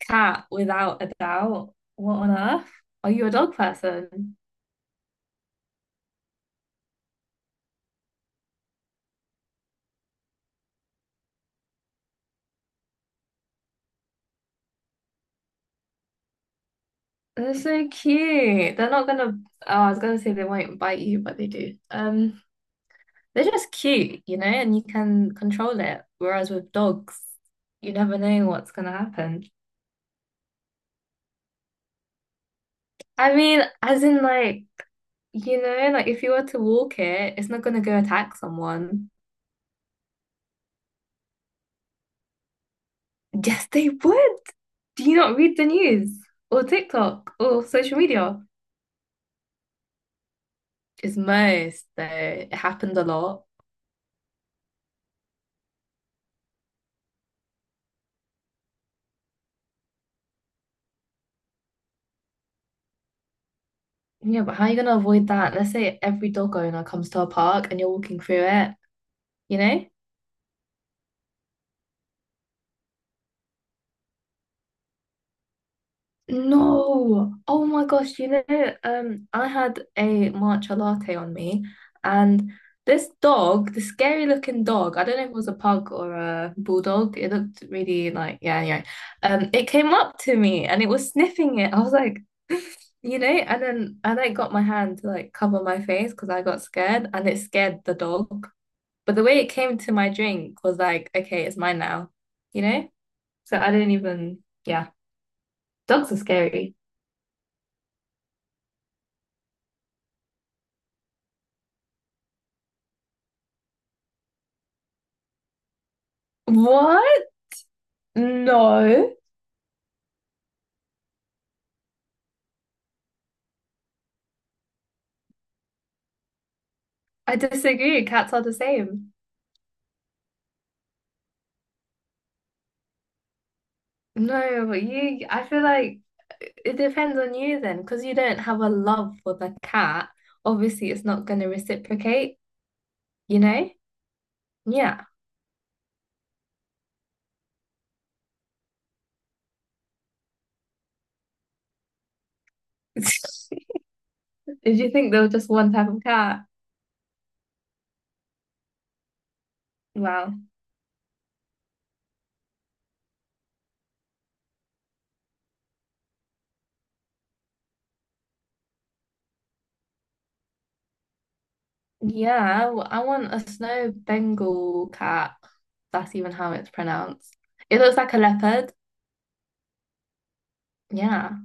Cat, without a doubt. What on earth? Are you a dog person? They're so cute. They're not gonna, oh, I was gonna say they won't bite you, but they do. They're just cute, you know, and you can control it. Whereas with dogs, you never know what's gonna happen. I mean, as in like, you know, like if you were to walk it, it's not gonna go attack someone. Yes, they would. Do you not read the news or TikTok or social media? It's most though. It happens a lot. Yeah, but how are you going to avoid that? Let's say every dog owner comes to a park and you're walking through it, you know? No. Oh my gosh, you know, I had a matcha latte on me and this dog, the scary looking dog, I don't know if it was a pug or a bulldog. It looked really like, yeah, anyway. It came up to me and it was sniffing it. I was like, you know, and then I like got my hand to like cover my face because I got scared and it scared the dog. But the way it came to my drink was like, okay, it's mine now, you know? So I didn't even, yeah. Dogs are scary. What? No. I disagree. Cats are the same. No, I feel like it depends on you then, because you don't have a love for the cat. Obviously, it's not going to reciprocate, you know? Yeah. Did you think there was just one type of cat? Wow. Yeah, I want a snow Bengal cat. That's even how it's pronounced. It looks like a leopard. Yeah.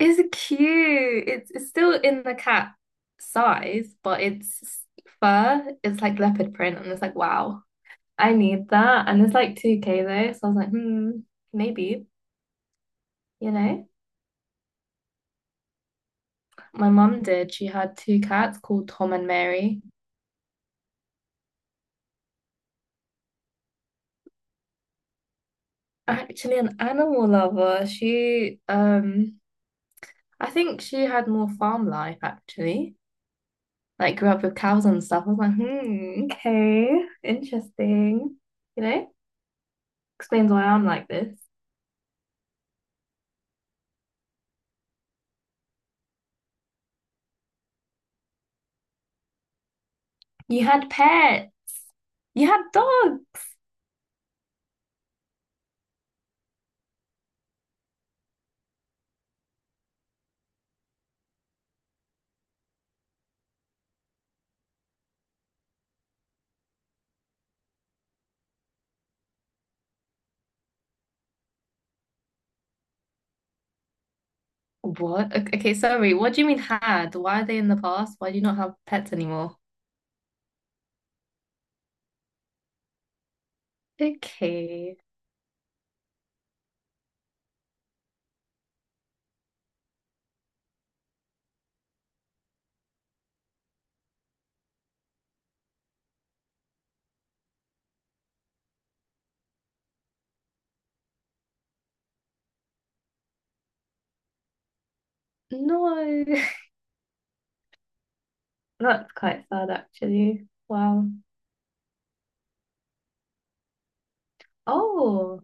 It's cute. It's still in the cat size, but it's fur. It's like leopard print, and it's like, wow, I need that. And it's like 2K though, so I was like, hmm, maybe, you know. My mum did. She had two cats called Tom and Mary. Actually, an animal lover. She I think she had more farm life actually. Like grew up with cows and stuff. I was like, hmm, okay, interesting. You know, explains why I'm like this. You had pet. You had dog. What? Okay, sorry. What do you mean had? Why are they in the past? Why do you not have pets anymore? Okay. No. That's quite sad, actually. Wow. Oh,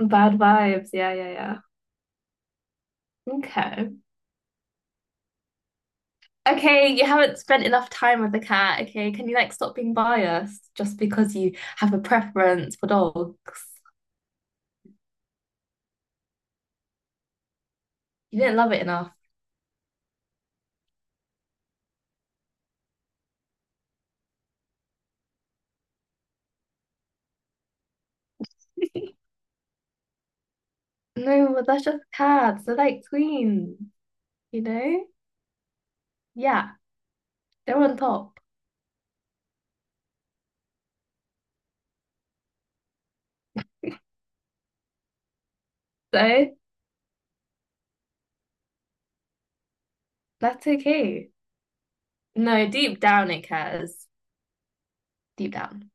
bad vibes. Yeah, yeah, yeah. Okay. Okay, you haven't spent enough time with the cat. Okay, can you like stop being biased just because you have a preference for dogs? You didn't love it enough. No, but that's just cats. They're like queens, you know? Yeah, they're on top. So that's okay. No, deep down it cares. Deep down.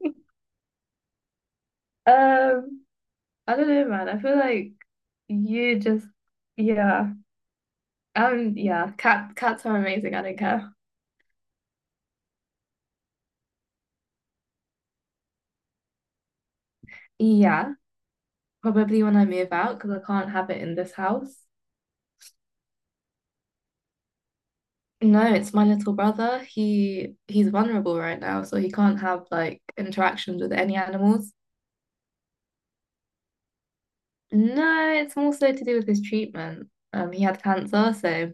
Um, I don't know, man. I feel like you just, yeah. Cats are amazing. I don't care. Yeah. Probably when I move out because I can't have it in this house. No, it's my little brother. He's vulnerable right now, so he can't have like interactions with any animals. No, it's more so to do with his treatment. He had cancer, so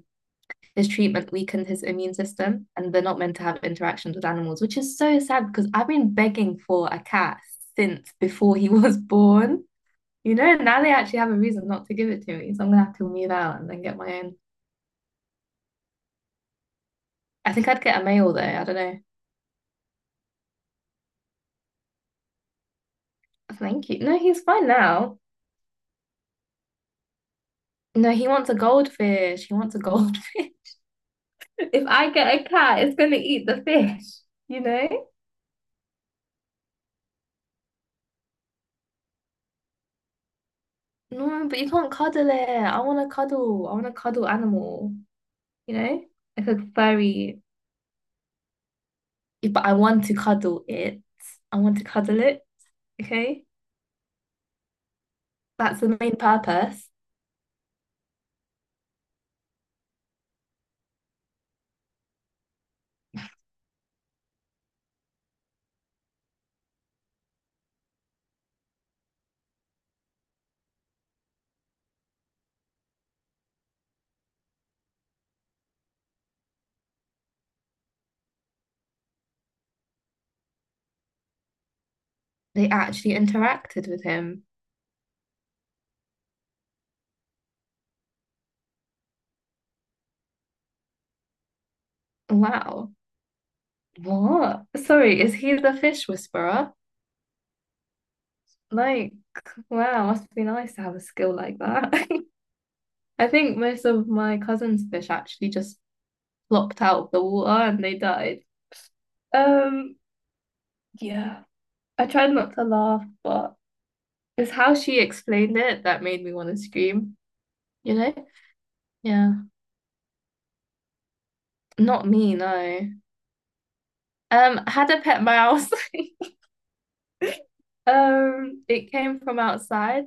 his treatment weakened his immune system, and they're not meant to have interactions with animals, which is so sad because I've been begging for a cat since before he was born. You know, now they actually have a reason not to give it to me, so I'm gonna have to move out and then get my own. I think I'd get a male though. I don't know. Thank you. No, he's fine now. No, he wants a goldfish. He wants a goldfish. If I get a cat, it's gonna eat the fish, you know? No, but you can't cuddle it. I want to cuddle. I want to cuddle animal, you know? Like a furry. But I want to cuddle it. I want to cuddle it. Okay? That's the main purpose. They actually interacted with him. Wow. What? Sorry, is he the fish whisperer? Like, wow, must be nice to have a skill like that. I think most of my cousin's fish actually just flopped out of the water and they died. Um, yeah, I tried not to laugh, but it's how she explained it that made me want to scream, you know? Yeah, not me, no. I had a pet mouse. It came from outside.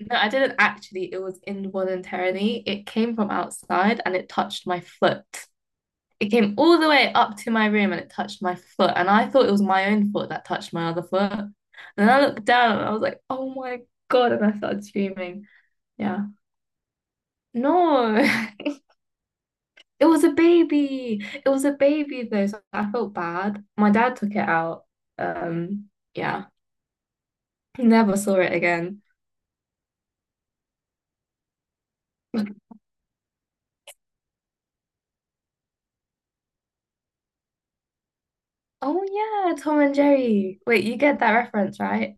No, I didn't actually. It was involuntarily. It came from outside and it touched my foot. It came all the way up to my room and it touched my foot. And I thought it was my own foot that touched my other foot. And then I looked down and I was like, oh my God. And I started screaming. Yeah. No, it was a baby. It was a baby though. So I felt bad. My dad took it out. Um, yeah. Never saw it again. Oh yeah, Tom and Jerry. Wait, you get that reference, right?